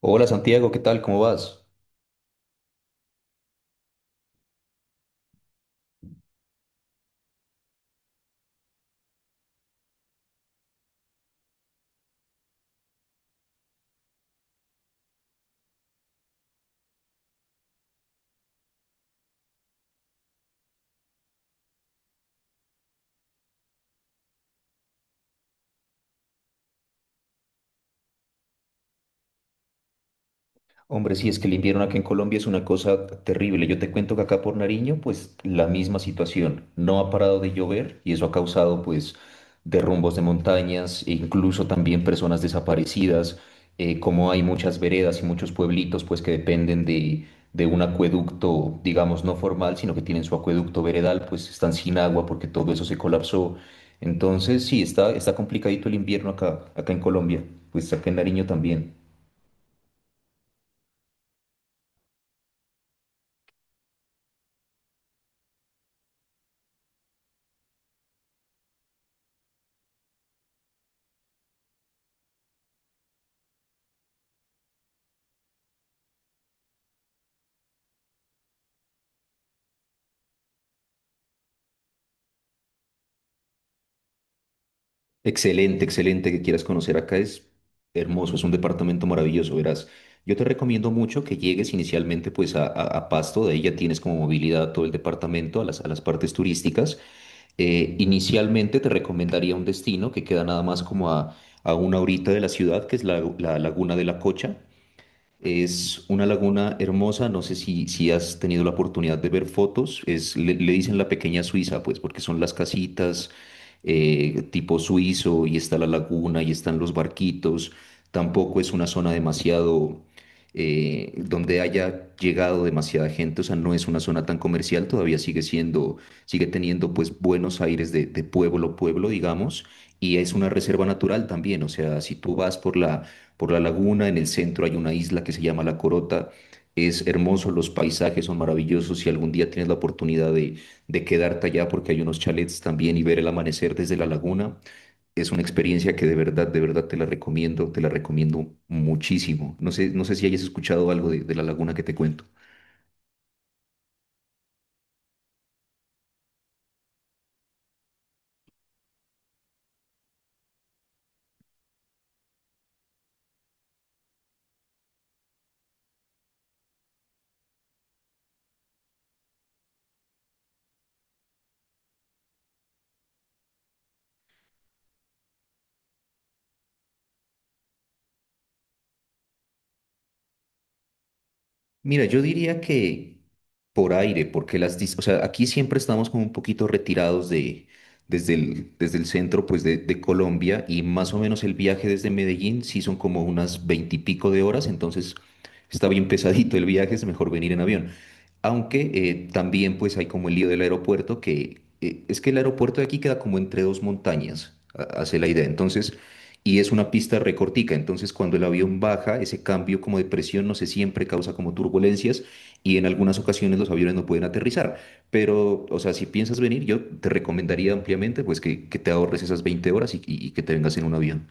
Hola Santiago, ¿qué tal? ¿Cómo vas? Hombre, sí, es que el invierno acá en Colombia es una cosa terrible. Yo te cuento que acá por Nariño, pues la misma situación. No ha parado de llover y eso ha causado pues derrumbos de montañas e incluso también personas desaparecidas. Como hay muchas veredas y muchos pueblitos pues que dependen de un acueducto, digamos, no formal, sino que tienen su acueducto veredal, pues están sin agua porque todo eso se colapsó. Entonces, sí, está complicadito el invierno acá, acá en Colombia, pues acá en Nariño también. Excelente, excelente que quieras conocer acá. Es hermoso, es un departamento maravilloso, verás. Yo te recomiendo mucho que llegues inicialmente pues a Pasto. De ahí ya tienes como movilidad a todo el departamento, a a las partes turísticas. Inicialmente te recomendaría es una laguna hermosa, no sé si has tenido la oportunidad de ver fotos. Es, le dicen la pequeña Suiza, pues porque son las casitas tipo suizo y está la laguna y están los barquitos. Tampoco es una zona demasiado donde haya llegado demasiada gente, o sea, no es una zona tan comercial, todavía sigue teniendo pues buenos aires de pueblo, pueblo, digamos, y es una reserva natural también. O sea, si tú vas por la laguna, en el centro hay una isla que se llama La Corota. Es hermoso, los paisajes son maravillosos. Si algún día tienes la oportunidad de quedarte allá, porque hay unos chalets también y ver el amanecer desde la laguna, es una experiencia que de verdad te la recomiendo muchísimo. No sé si hayas escuchado algo de la laguna que te cuento. Mira, yo diría que por aire, porque o sea, aquí siempre estamos como un poquito retirados desde desde el centro, pues, de Colombia, y más o menos el viaje desde Medellín sí son como unas veintipico de horas. Entonces está bien pesadito el viaje, es mejor venir en avión. Aunque también, pues, hay como el lío del aeropuerto, que es que el aeropuerto de aquí queda como entre dos montañas, hace la idea. Entonces, y es una pista recortica, entonces cuando el avión baja, ese cambio como de presión, no sé, siempre causa como turbulencias, y en algunas ocasiones los aviones no pueden aterrizar. Pero, o sea, si piensas venir, yo te recomendaría ampliamente pues que te ahorres esas 20 horas y que te vengas en un avión.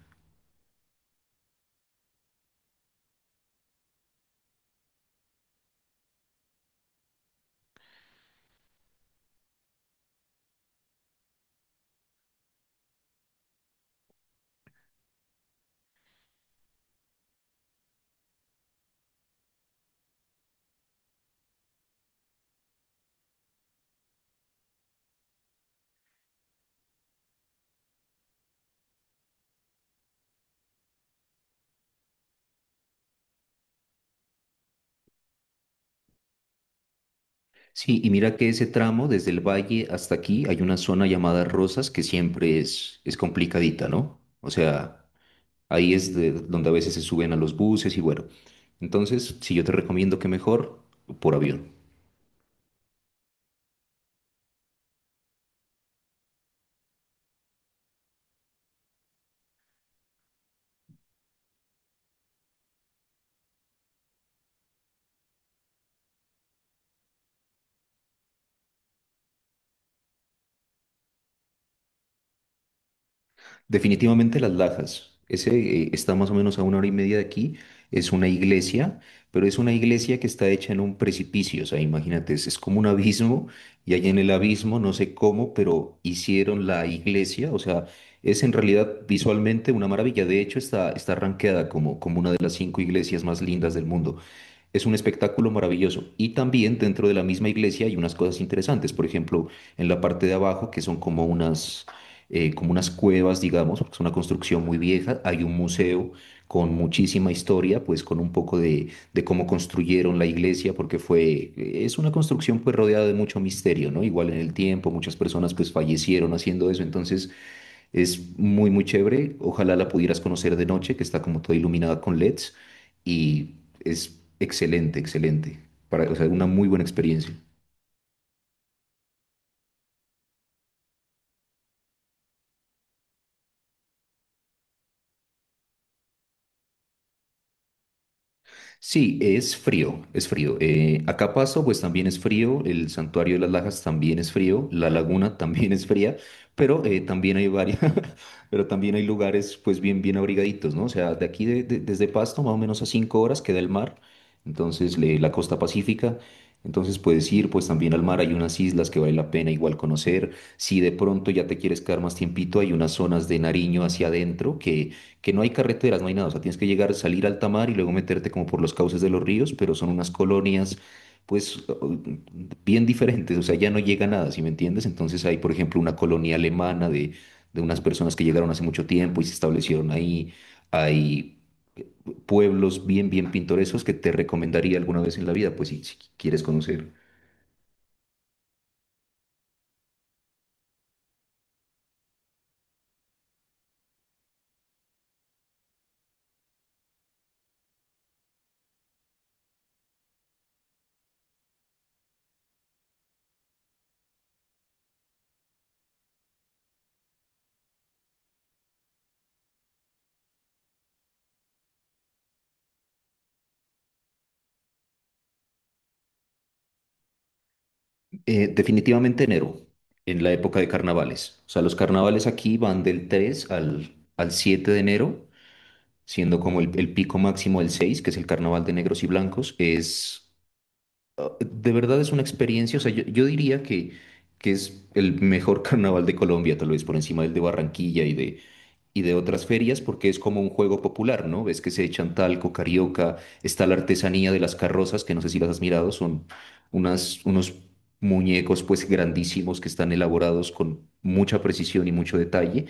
Sí, y mira que ese tramo desde el valle hasta aquí hay una zona llamada Rosas que siempre es complicadita, ¿no? O sea, ahí donde a veces se suben a los buses y bueno. Entonces, si yo te recomiendo que mejor por avión. Definitivamente Las Lajas. Ese está más o menos a una hora y media de aquí. Es una iglesia, pero es una iglesia que está hecha en un precipicio. O sea, imagínate, es como un abismo, y allá en el abismo, no sé cómo, pero hicieron la iglesia. O sea, es en realidad visualmente una maravilla. De hecho, está rankeada como, como una de las cinco iglesias más lindas del mundo. Es un espectáculo maravilloso. Y también dentro de la misma iglesia hay unas cosas interesantes. Por ejemplo, en la parte de abajo, que son como unas cuevas, digamos, porque es una construcción muy vieja, hay un museo con muchísima historia, pues con un poco de cómo construyeron la iglesia, porque es una construcción pues rodeada de mucho misterio, ¿no? Igual en el tiempo, muchas personas pues fallecieron haciendo eso. Entonces, es muy, muy chévere. Ojalá la pudieras conocer de noche, que está como toda iluminada con LEDs. Y es excelente, excelente. Para, o sea, una muy buena experiencia. Sí, es frío, es frío. Acapaso, pues también es frío, el Santuario de las Lajas también es frío, la laguna también es fría, pero también hay varias, pero también hay lugares pues bien, bien abrigaditos, ¿no? O sea, de aquí desde Pasto, más o menos a cinco horas queda el mar, entonces la costa pacífica. Entonces puedes ir pues también al mar, hay unas islas que vale la pena igual conocer, si de pronto ya te quieres quedar más tiempito. Hay unas zonas de Nariño hacia adentro que no hay carreteras, no hay nada, o sea, tienes que llegar, salir al alta mar y luego meterte como por los cauces de los ríos, pero son unas colonias, pues, bien diferentes. O sea, ya no llega nada, ¿si me entiendes? Entonces hay, por ejemplo, una colonia alemana de unas personas que llegaron hace mucho tiempo y se establecieron ahí. Hay pueblos bien, bien pintorescos que te recomendaría alguna vez en la vida, pues, si quieres conocer. Definitivamente enero, en la época de carnavales. O sea, los carnavales aquí van del 3 al 7 de enero, siendo como el pico máximo el seis, que es el Carnaval de Negros y Blancos. Es, ah, de verdad es una experiencia. O sea, yo diría que es el mejor carnaval de Colombia, tal vez por encima del de Barranquilla y de otras ferias, porque es como un juego popular, ¿no? Ves que se echan talco, carioca, está la artesanía de las carrozas, que no sé si las has mirado. Son unas, unos muñecos pues grandísimos que están elaborados con mucha precisión y mucho detalle,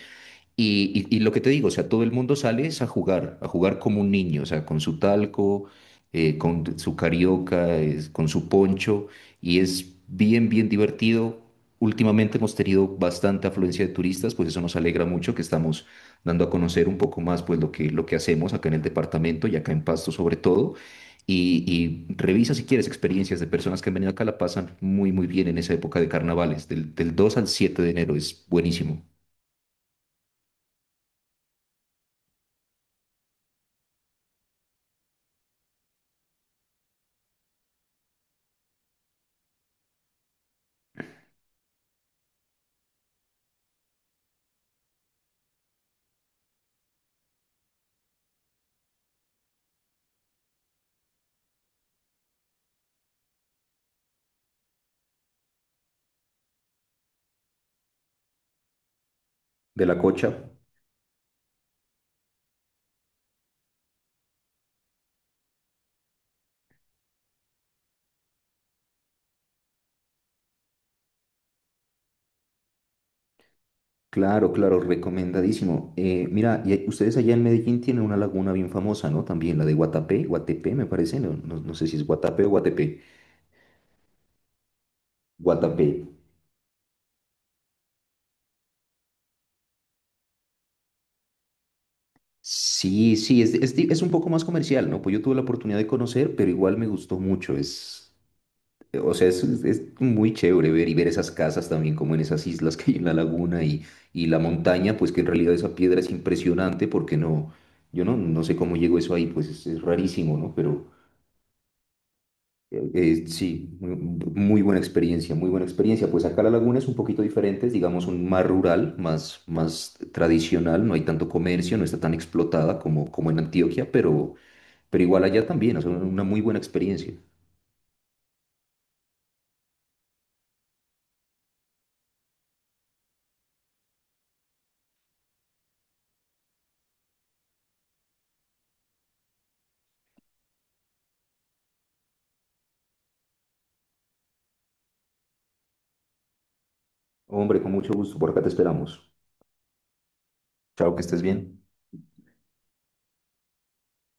y lo que te digo. O sea, todo el mundo sale es a jugar como un niño, o sea, con su talco, con su carioca, con su poncho, y es bien, bien divertido. Últimamente hemos tenido bastante afluencia de turistas, pues eso nos alegra mucho, que estamos dando a conocer un poco más, pues lo que hacemos acá en el departamento y acá en Pasto sobre todo. Y, y revisa si quieres experiencias de personas que han venido acá, la pasan muy, muy bien en esa época de carnavales, del dos al 7 de enero, es buenísimo. De la cocha. Claro, claro, recomendadísimo. Mira, y ustedes allá en Medellín tienen una laguna bien famosa, ¿no? También la de Guatapé, Guatepé me parece, no, no, no sé si es Guatapé o Guatepé. Guatapé. Sí, sí, es un poco más comercial, ¿no? Pues yo tuve la oportunidad de conocer, pero igual me gustó mucho. Es, o sea, es muy chévere ver y ver esas casas también como en esas islas que hay en la laguna, y la montaña, pues que en realidad esa piedra es impresionante, porque no, yo no, no sé cómo llegó eso ahí, pues es rarísimo, ¿no? Pero... sí, muy, muy buena experiencia, muy buena experiencia. Pues acá la laguna es un poquito diferente, es, digamos un más rural, más, más tradicional, no hay tanto comercio, no está tan explotada como, como en Antioquia, pero igual allá también, o sea, una muy buena experiencia. Hombre, con mucho gusto, por acá te esperamos. Chao, que estés bien.